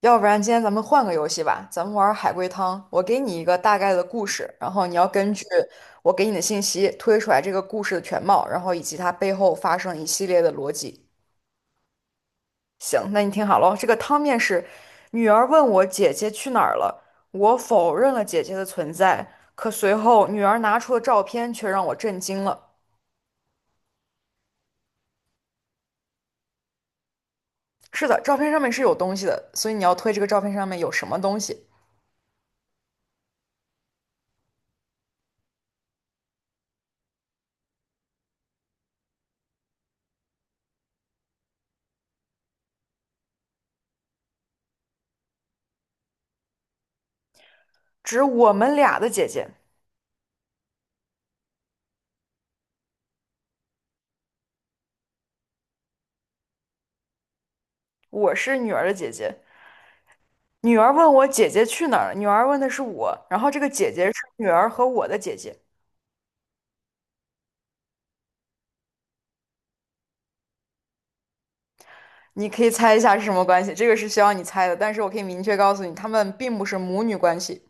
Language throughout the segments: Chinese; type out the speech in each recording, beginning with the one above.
要不然今天咱们换个游戏吧，咱们玩海龟汤。我给你一个大概的故事，然后你要根据我给你的信息推出来这个故事的全貌，然后以及它背后发生一系列的逻辑。行，那你听好了哦，这个汤面是：女儿问我姐姐去哪儿了，我否认了姐姐的存在，可随后女儿拿出的照片却让我震惊了。是的，照片上面是有东西的，所以你要推这个照片上面有什么东西。指我们俩的姐姐，我是女儿的姐姐。女儿问我姐姐去哪儿了，女儿问的是我，然后这个姐姐是女儿和我的姐姐，你可以猜一下是什么关系？这个是需要你猜的，但是我可以明确告诉你，她们并不是母女关系。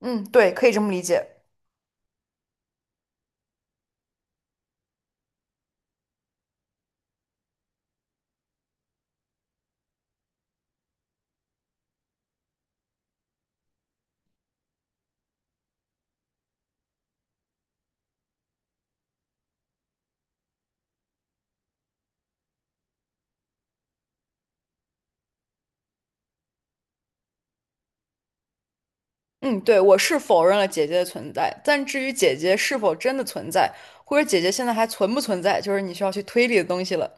嗯，对，可以这么理解。嗯，对，我是否认了姐姐的存在，但至于姐姐是否真的存在，或者姐姐现在还存不存在，就是你需要去推理的东西了。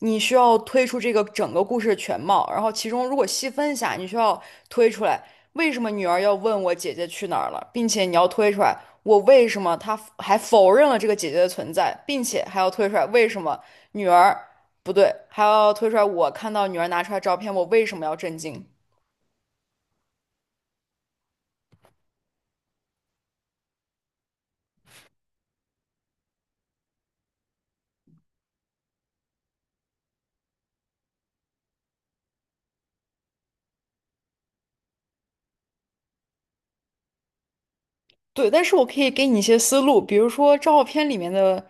你需要推出这个整个故事的全貌，然后其中如果细分一下，你需要推出来为什么女儿要问我姐姐去哪儿了，并且你要推出来我为什么她还否认了这个姐姐的存在，并且还要推出来为什么女儿不对，还要推出来我看到女儿拿出来照片，我为什么要震惊？对，但是我可以给你一些思路，比如说照片里面的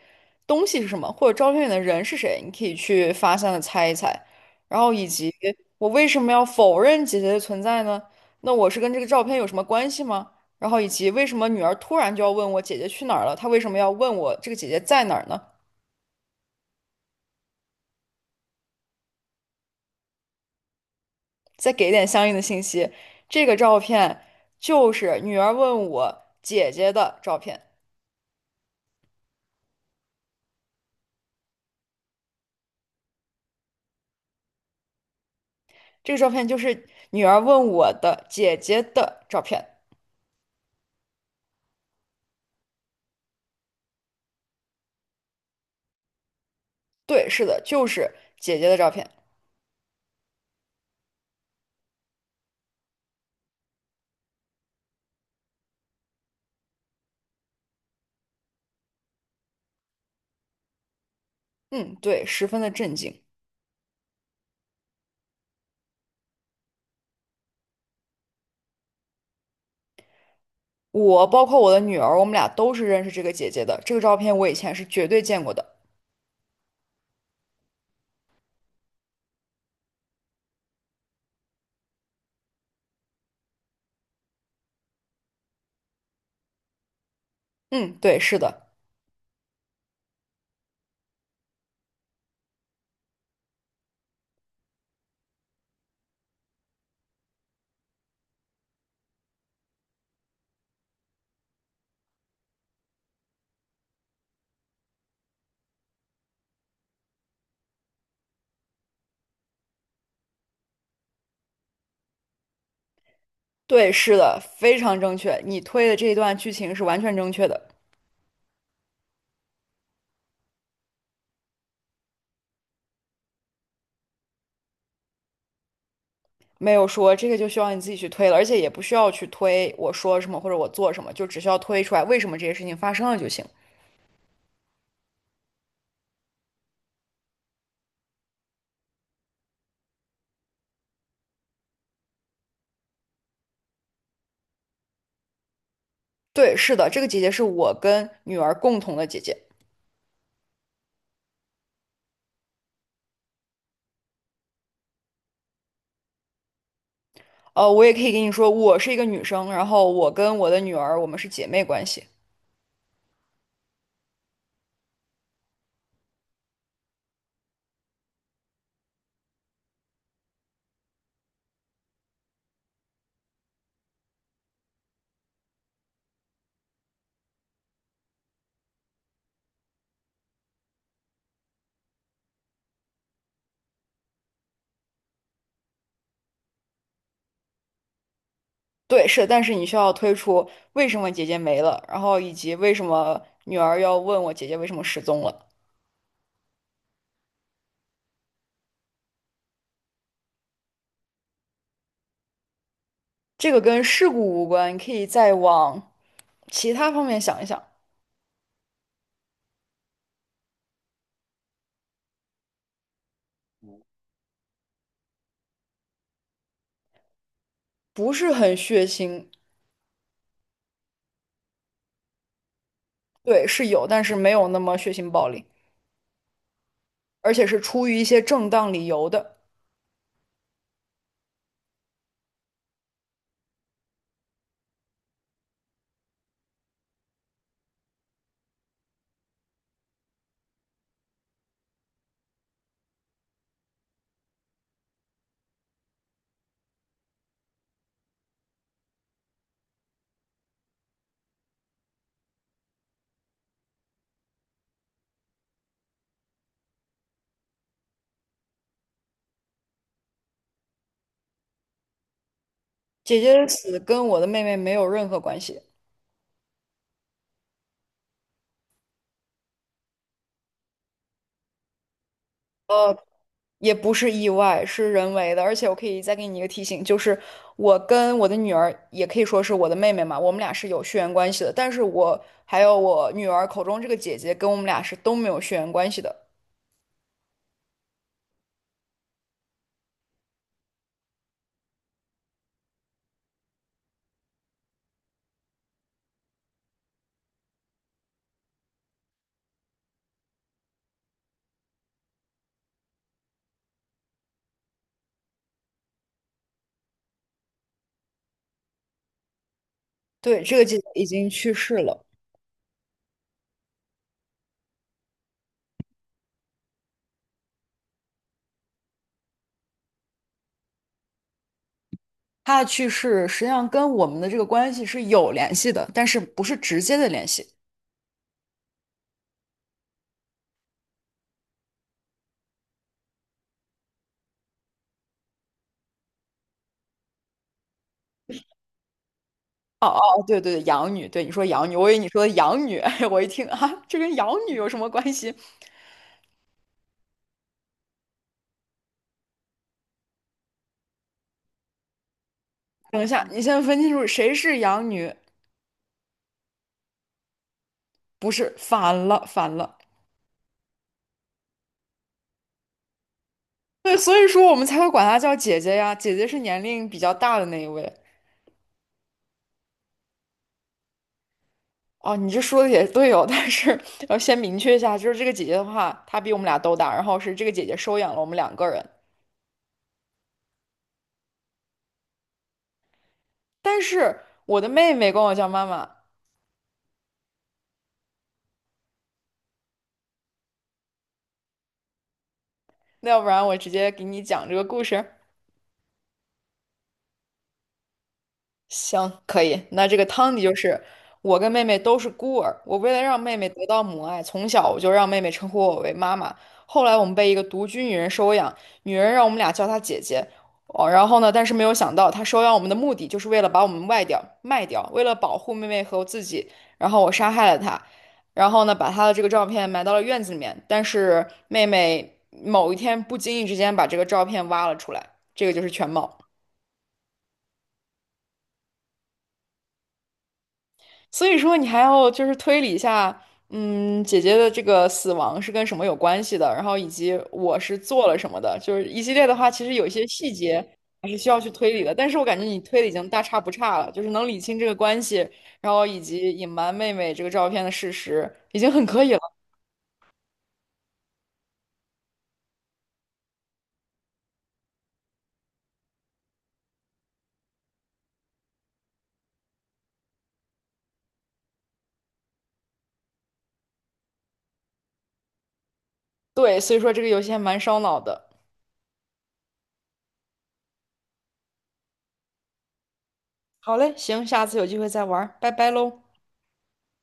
东西是什么，或者照片里的人是谁，你可以去发散的猜一猜。然后以及我为什么要否认姐姐的存在呢？那我是跟这个照片有什么关系吗？然后以及为什么女儿突然就要问我姐姐去哪儿了？她为什么要问我这个姐姐在哪儿呢？再给点相应的信息。这个照片就是女儿问我姐姐的照片，这个照片就是女儿问我的姐姐的照片。对，是的，就是姐姐的照片。嗯，对，十分的震惊。我包括我的女儿，我们俩都是认识这个姐姐的。这个照片我以前是绝对见过的。嗯，对，是的，对，是的，非常正确。你推的这一段剧情是完全正确的，没有说这个就需要你自己去推了，而且也不需要去推我说什么或者我做什么，就只需要推出来为什么这些事情发生了就行。对，是的，这个姐姐是我跟女儿共同的姐姐。我也可以跟你说，我是一个女生，然后我跟我的女儿，我们是姐妹关系。对，是，但是你需要推出为什么姐姐没了，然后以及为什么女儿要问我姐姐为什么失踪了。这个跟事故无关，你可以再往其他方面想一想，不是很血腥。对，是有，但是没有那么血腥暴力，而且是出于一些正当理由的。姐姐的死跟我的妹妹没有任何关系。也不是意外，是人为的。而且我可以再给你一个提醒，就是我跟我的女儿，也可以说是我的妹妹嘛，我们俩是有血缘关系的。但是我还有我女儿口中这个姐姐，跟我们俩是都没有血缘关系的。对，这个姐姐已经去世了，她的去世实际上跟我们的这个关系是有联系的，但是不是直接的联系。哦哦，哦对对对，养女，对你说养女，我以为你说的养女，我一听啊，这跟养女有什么关系？等一下，你先分清楚谁是养女，不是，反了，反了。对，所以说我们才会管她叫姐姐呀，姐姐是年龄比较大的那一位。哦，你这说的也对哦，但是要先明确一下，就是这个姐姐的话，她比我们俩都大，然后是这个姐姐收养了我们两个人，但是我的妹妹管我叫妈妈，那要不然我直接给你讲这个故事。行，可以。那这个汤底就是我跟妹妹都是孤儿，我为了让妹妹得到母爱，从小我就让妹妹称呼我为妈妈。后来我们被一个独居女人收养，女人让我们俩叫她姐姐。哦，然后呢？但是没有想到，她收养我们的目的就是为了把我们卖掉，卖掉，为了保护妹妹和我自己。然后我杀害了她，然后呢，把她的这个照片埋到了院子里面。但是妹妹某一天不经意之间把这个照片挖了出来，这个就是全貌。所以说，你还要就是推理一下，嗯，姐姐的这个死亡是跟什么有关系的，然后以及我是做了什么的，就是一系列的话，其实有一些细节还是需要去推理的。但是我感觉你推理已经大差不差了，就是能理清这个关系，然后以及隐瞒妹妹这个照片的事实，已经很可以了。对，所以说这个游戏还蛮烧脑的。好嘞，行，下次有机会再玩儿拜拜喽。